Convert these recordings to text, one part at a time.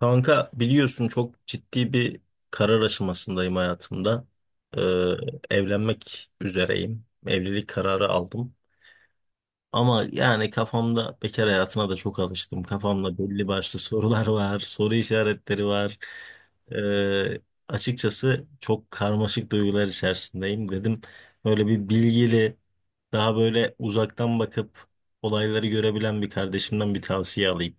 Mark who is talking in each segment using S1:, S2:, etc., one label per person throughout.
S1: Kanka biliyorsun çok ciddi bir karar aşamasındayım hayatımda. Ee, Evlenmek üzereyim. Evlilik kararı aldım. Ama yani kafamda bekar hayatına da çok alıştım. Kafamda belli başlı sorular var, soru işaretleri var. Ee, Açıkçası çok karmaşık duygular içerisindeyim dedim. Böyle bir bilgili, daha böyle uzaktan bakıp olayları görebilen bir kardeşimden bir tavsiye alayım.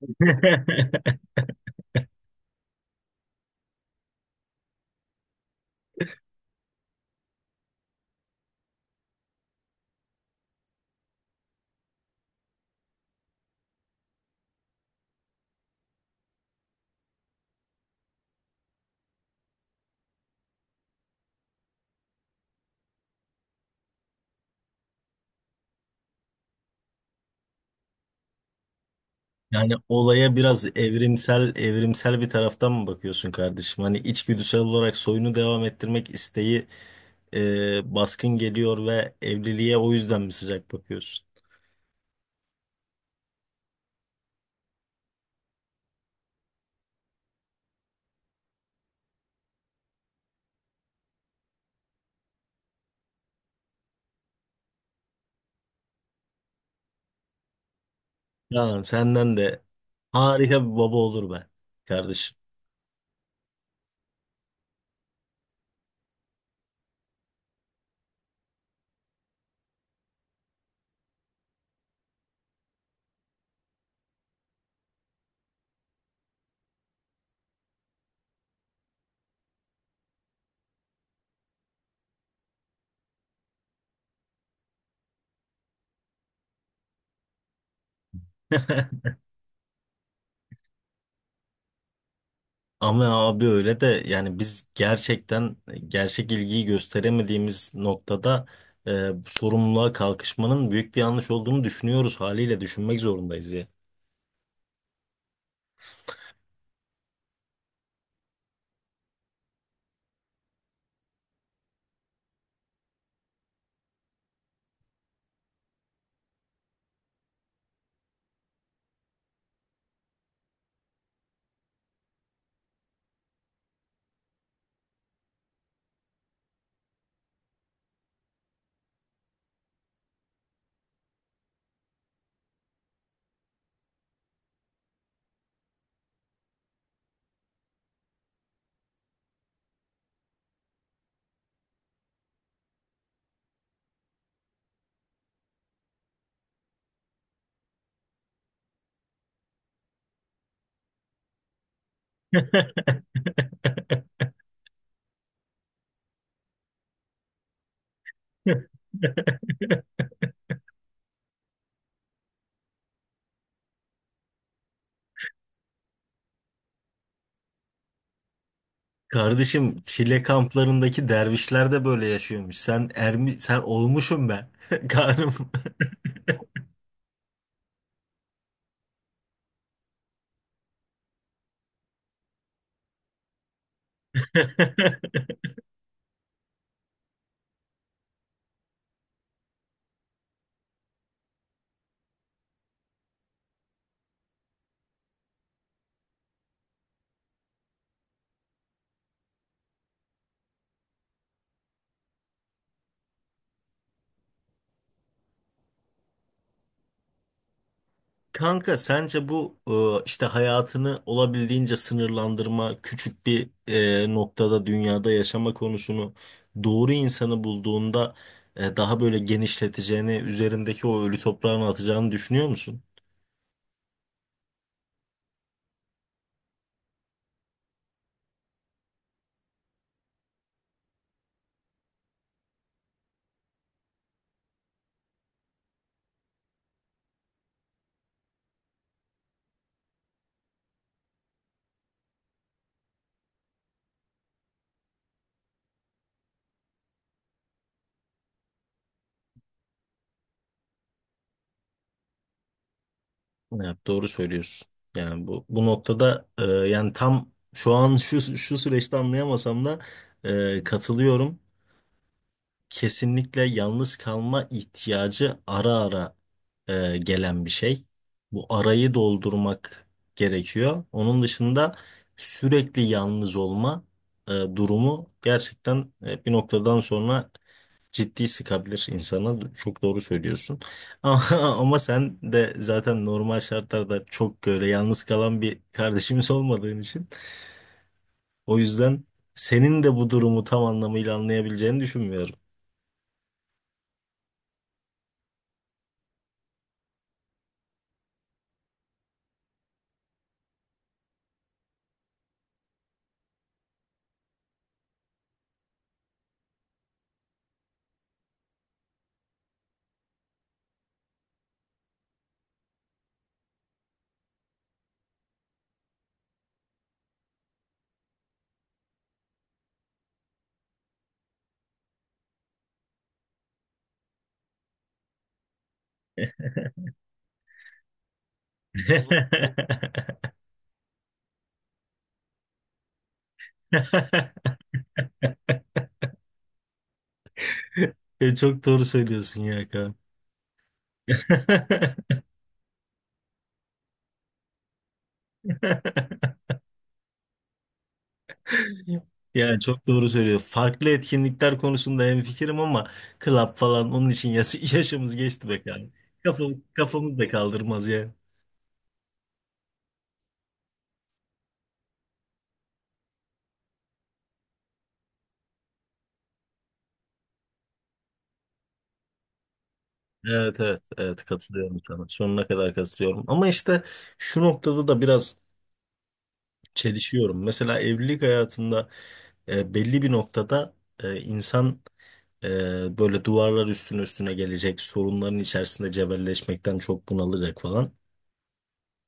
S1: Yani olaya biraz evrimsel bir taraftan mı bakıyorsun kardeşim? Hani içgüdüsel olarak soyunu devam ettirmek isteği baskın geliyor ve evliliğe o yüzden mi sıcak bakıyorsun? Tamam, senden de harika bir baba olur be kardeşim. Ama abi öyle de, yani biz gerçekten gerçek ilgiyi gösteremediğimiz noktada bu sorumluluğa kalkışmanın büyük bir yanlış olduğunu düşünüyoruz, haliyle düşünmek zorundayız ya. Kardeşim, Çile kamplarındaki dervişler de böyle yaşıyormuş. Sen ermi sen olmuşum ben. Karım. Kanka, sence bu işte hayatını olabildiğince sınırlandırma, küçük bir noktada dünyada yaşama konusunu doğru insanı bulduğunda daha böyle genişleteceğini, üzerindeki o ölü toprağını atacağını düşünüyor musun? Evet, doğru söylüyorsun. Yani bu noktada, yani tam şu an şu süreçte anlayamasam da katılıyorum. Kesinlikle yalnız kalma ihtiyacı ara ara gelen bir şey. Bu arayı doldurmak gerekiyor. Onun dışında sürekli yalnız olma durumu gerçekten bir noktadan sonra ciddi sıkabilir insana. Çok doğru söylüyorsun. Ama, ama sen de zaten normal şartlarda çok böyle yalnız kalan bir kardeşimiz olmadığın için, o yüzden senin de bu durumu tam anlamıyla anlayabileceğini düşünmüyorum. Çok doğru söylüyorsun ya Kaan. Yani çok doğru söylüyor. Farklı etkinlikler konusunda hemfikirim, ama club falan onun için yaş yaşımız geçti be yani. Kafa, kafamız da kaldırmaz ya. Evet, evet, evet, katılıyorum sana. Sonuna kadar katılıyorum. Ama işte şu noktada da biraz çelişiyorum. Mesela evlilik hayatında, belli bir noktada, insan, e, böyle duvarlar üstüne üstüne gelecek, sorunların içerisinde cebelleşmekten çok bunalacak falan.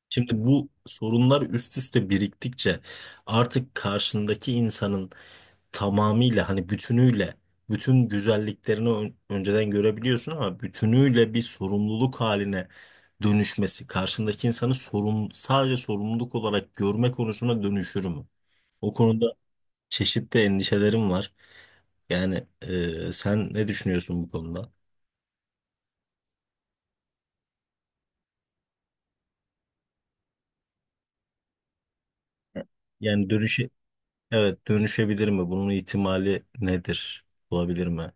S1: Şimdi bu sorunlar üst üste biriktikçe artık karşındaki insanın tamamıyla, hani bütünüyle bütün güzelliklerini önceden görebiliyorsun, ama bütünüyle bir sorumluluk haline dönüşmesi, karşındaki insanı sorumlu, sadece sorumluluk olarak görme konusuna dönüşür mü? O konuda çeşitli endişelerim var. Yani sen ne düşünüyorsun bu konuda? Yani evet, dönüşebilir mi? Bunun ihtimali nedir? Olabilir mi?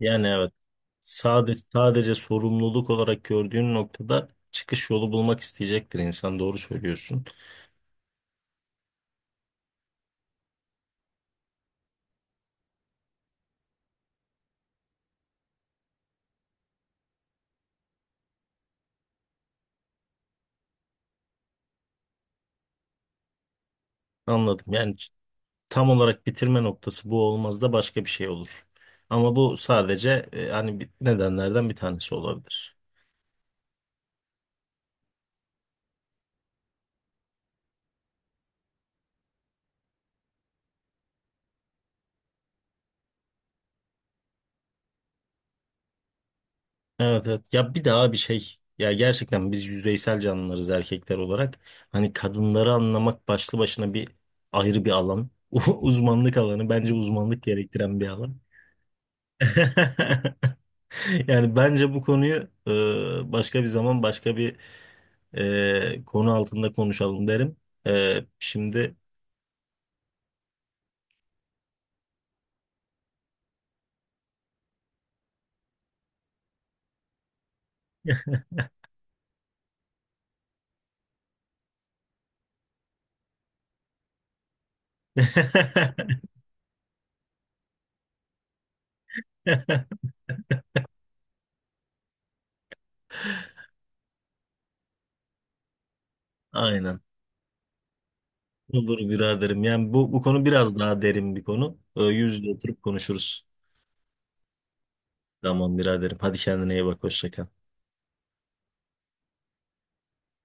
S1: Yani evet. Sadece sorumluluk olarak gördüğün noktada çıkış yolu bulmak isteyecektir insan. Doğru söylüyorsun. Anladım. Tam olarak bitirme noktası bu olmaz da başka bir şey olur. Ama bu sadece, hani nedenlerden bir tanesi olabilir. Evet, evet. Ya bir daha bir şey. Ya gerçekten biz yüzeysel canlılarız erkekler olarak. Hani kadınları anlamak başlı başına bir ayrı bir alan. Uzmanlık alanı. Bence uzmanlık gerektiren bir alan. Yani bence bu konuyu başka bir zaman başka bir konu altında konuşalım derim. E, Şimdi aynen olur biraderim. Yani bu konu biraz daha derin bir konu. Yüz yüze oturup konuşuruz. Tamam biraderim. Hadi kendine iyi bak. Hoşça kal.